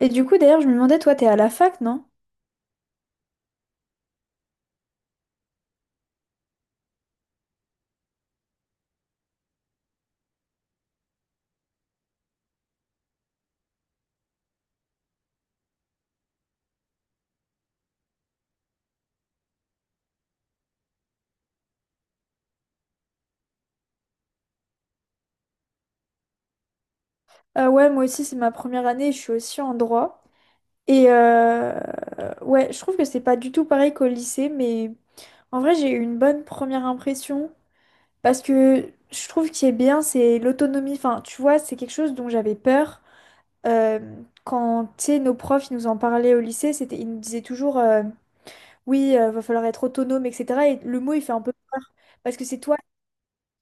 Et du coup, d'ailleurs, je me demandais, toi, t'es à la fac, non? Ah ouais, moi aussi, c'est ma première année, je suis aussi en droit. Et euh, ouais, je trouve que c'est pas du tout pareil qu'au lycée, mais en vrai, j'ai eu une bonne première impression parce que je trouve qu'il est bien, c'est l'autonomie. Enfin, tu vois, c'est quelque chose dont j'avais peur. Euh, Quand, tu sais, nos profs, ils nous en parlaient au lycée, c'était, ils nous disaient toujours, oui, va falloir être autonome, etc. Et le mot, il fait un peu peur parce que c'est toi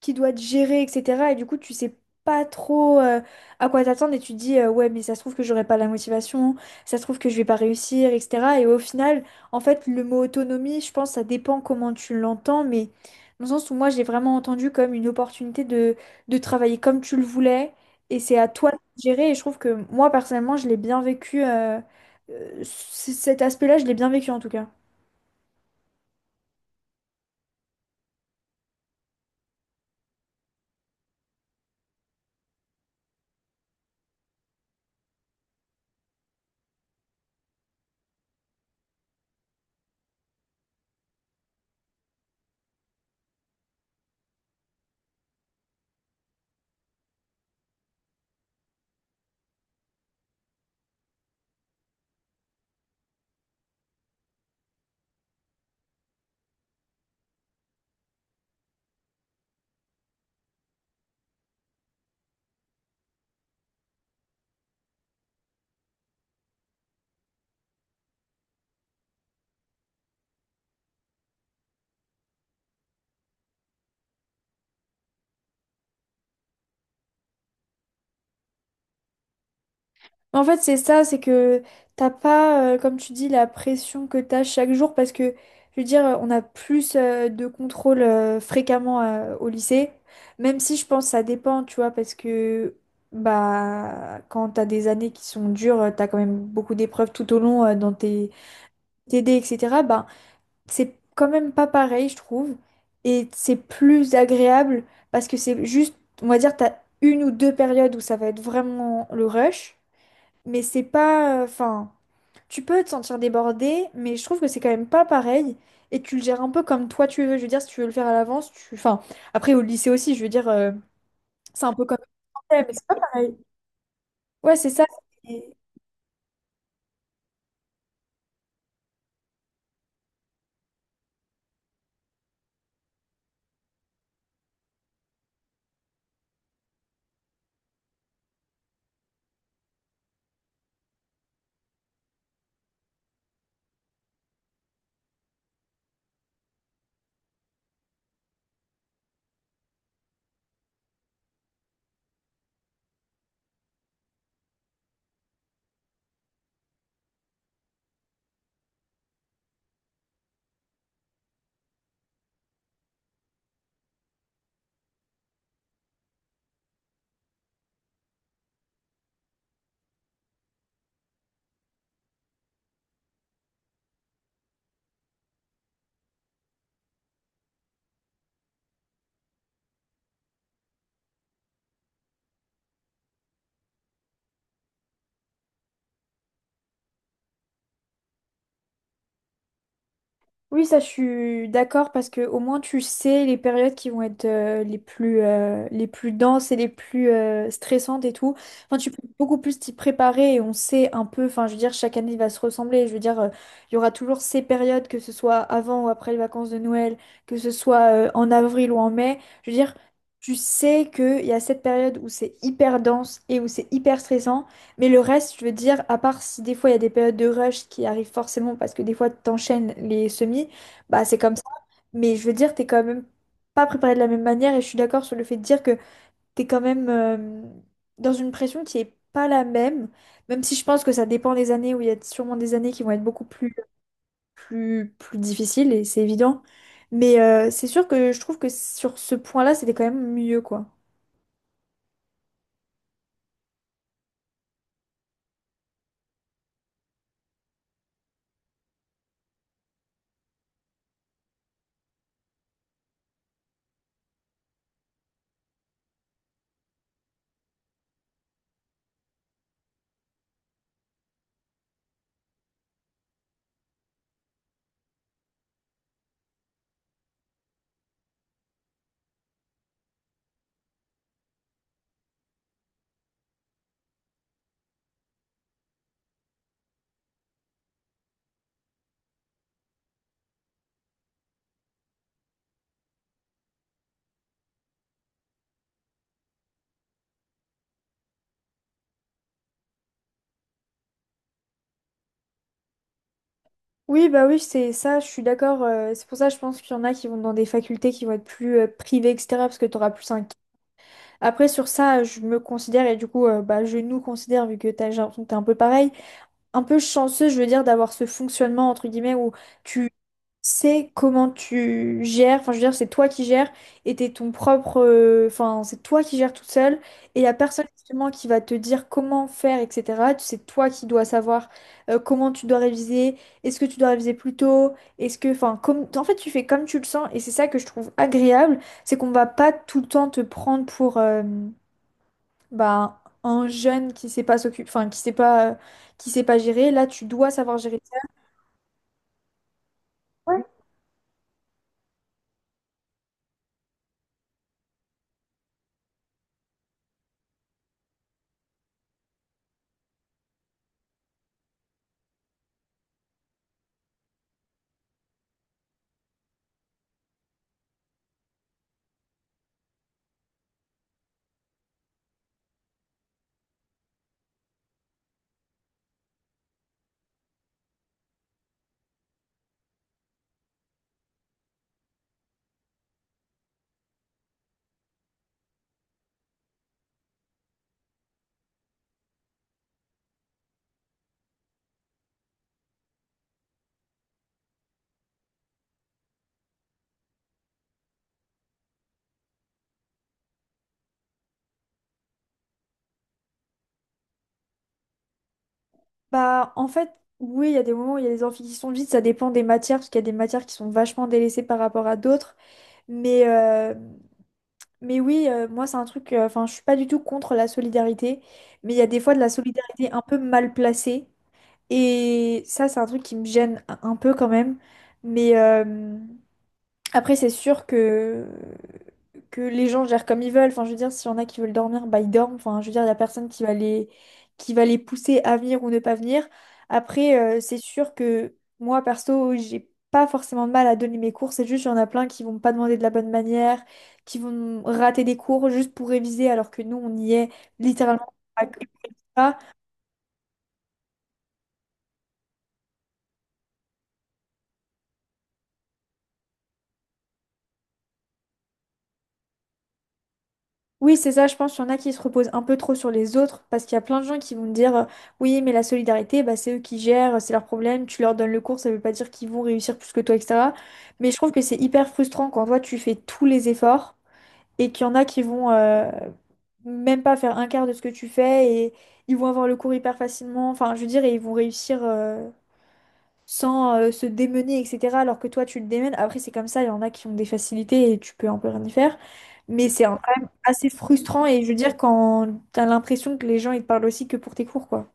qui doit te gérer, etc. Et du coup, tu sais pas trop à quoi t'attendre et tu te dis, ouais, mais ça se trouve que j'aurai pas la motivation, ça se trouve que je vais pas réussir, etc. Et au final, en fait, le mot autonomie, je pense, ça dépend comment tu l'entends, mais dans le sens où moi, j'ai vraiment entendu comme une opportunité de travailler comme tu le voulais et c'est à toi de gérer. Et je trouve que moi, personnellement, je l'ai bien vécu, cet aspect-là, je l'ai bien vécu en tout cas. En fait, c'est ça, c'est que t'as pas, comme tu dis, la pression que t'as chaque jour parce que, je veux dire, on a plus de contrôle fréquemment au lycée, même si je pense que ça dépend, tu vois, parce que bah quand t'as des années qui sont dures, t'as quand même beaucoup d'épreuves tout au long dans tes TD, etc. Bah c'est quand même pas pareil, je trouve, et c'est plus agréable parce que c'est juste, on va dire, t'as une ou deux périodes où ça va être vraiment le rush. Mais c'est pas. Enfin, tu peux te sentir débordé, mais je trouve que c'est quand même pas pareil. Et tu le gères un peu comme toi tu veux. Je veux dire, si tu veux le faire à l'avance, tu. Enfin, après, au lycée aussi, je veux dire, c'est un peu comme. Mais c'est pas pareil. Ouais, c'est ça. Oui, ça, je suis d'accord parce que au moins tu sais les périodes qui vont être les plus denses et les plus stressantes et tout. Enfin, tu peux beaucoup plus t'y préparer et on sait un peu. Enfin, je veux dire, chaque année il va se ressembler. Je veux dire, il y aura toujours ces périodes, que ce soit avant ou après les vacances de Noël, que ce soit en avril ou en mai. Je veux dire, tu sais qu'il y a cette période où c'est hyper dense et où c'est hyper stressant. Mais le reste, je veux dire, à part si des fois il y a des périodes de rush qui arrivent forcément parce que des fois t'enchaînes les semis, bah c'est comme ça. Mais je veux dire, t'es quand même pas préparé de la même manière et je suis d'accord sur le fait de dire que t'es quand même dans une pression qui est pas la même, même si je pense que ça dépend des années où il y a sûrement des années qui vont être beaucoup plus, plus difficiles et c'est évident. Mais c'est sûr que je trouve que sur ce point-là, c'était quand même mieux quoi. Oui, bah oui, c'est ça, je suis d'accord. C'est pour ça, je pense qu'il y en a qui vont dans des facultés qui vont être plus privées, etc. Parce que tu auras plus un... Après, sur ça, je me considère, et du coup, bah, je nous considère, vu que t'as, j'ai l'impression que t'es un peu pareil, un peu chanceux, je veux dire, d'avoir ce fonctionnement, entre guillemets, où tu c'est comment tu gères, enfin je veux dire, c'est toi qui gères et t'es ton propre, enfin c'est toi qui gères toute seule et il n'y a personne justement qui va te dire comment faire, etc. Tu- C'est toi qui dois savoir comment tu dois réviser, est-ce que tu dois réviser plus tôt, est-ce que, enfin, comme, en fait tu fais comme tu le sens et c'est ça que je trouve agréable, c'est qu'on va pas tout le temps te prendre pour bah, un jeune qui sait pas s'occuper, enfin qui sait pas gérer, là tu dois savoir gérer. Bah, en fait, oui, il y a des moments où il y a des amphis qui sont vides, ça dépend des matières, parce qu'il y a des matières qui sont vachement délaissées par rapport à d'autres. Mais, euh, mais oui, moi, c'est un truc, enfin, je suis pas du tout contre la solidarité, mais il y a des fois de la solidarité un peu mal placée. Et ça, c'est un truc qui me gêne un peu quand même. Mais, euh, Après, c'est sûr que les gens gèrent comme ils veulent. Enfin, je veux dire, s'il y en a qui veulent dormir, bah ils dorment. Enfin, je veux dire, il n'y a personne qui va les pousser à venir ou ne pas venir. Après, c'est sûr que moi, perso, j'ai pas forcément de mal à donner mes cours. C'est juste, il y en a plein qui vont pas demander de la bonne manière, qui vont rater des cours juste pour réviser, alors que nous, on y est littéralement. Pour... Oui, c'est ça, je pense qu'il y en a qui se reposent un peu trop sur les autres, parce qu'il y a plein de gens qui vont me dire, oui, mais la solidarité, bah, c'est eux qui gèrent, c'est leur problème, tu leur donnes le cours, ça veut pas dire qu'ils vont réussir plus que toi, etc. Mais je trouve que c'est hyper frustrant quand toi, tu fais tous les efforts et qu'il y en a qui vont même pas faire un quart de ce que tu fais et ils vont avoir le cours hyper facilement, enfin, je veux dire, et ils vont réussir. Sans se démener, etc. Alors que toi, tu le démènes. Après, c'est comme ça, il y en a qui ont des facilités et tu peux un peu rien y faire. Mais c'est un- quand même assez frustrant et je veux dire, quand t'as l'impression que les gens, ils te parlent aussi que pour tes cours, quoi.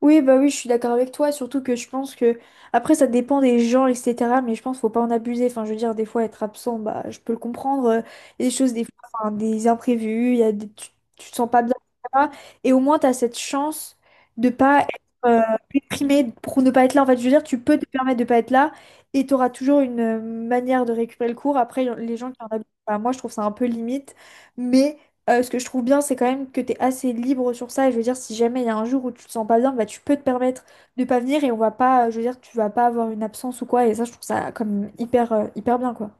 Oui, bah oui, je suis d'accord avec toi, surtout que je pense que, après, ça dépend des gens, etc., mais je pense qu'il faut pas en abuser. Enfin, je veux dire, des fois, être absent, bah, je peux le comprendre. Il y a des choses, des fois, enfin, des imprévus, il y a des- tu te sens pas bien, etc. Et au moins, tu as cette chance de pas être euh, déprimé pour ne pas être là. En fait, je veux dire, tu peux te permettre de pas être là et tu auras toujours une manière de récupérer le cours. Après, y en- les gens qui en abusent, bah, moi, je trouve ça un peu limite, mais ce que je trouve bien, c'est quand même que tu es assez libre sur ça. Et je veux dire, si jamais il y a un jour où tu te sens pas bien, bah, tu peux te permettre de pas venir et on va pas, je veux dire, tu vas pas avoir une absence ou quoi. Et ça, je trouve ça comme hyper, hyper bien, quoi.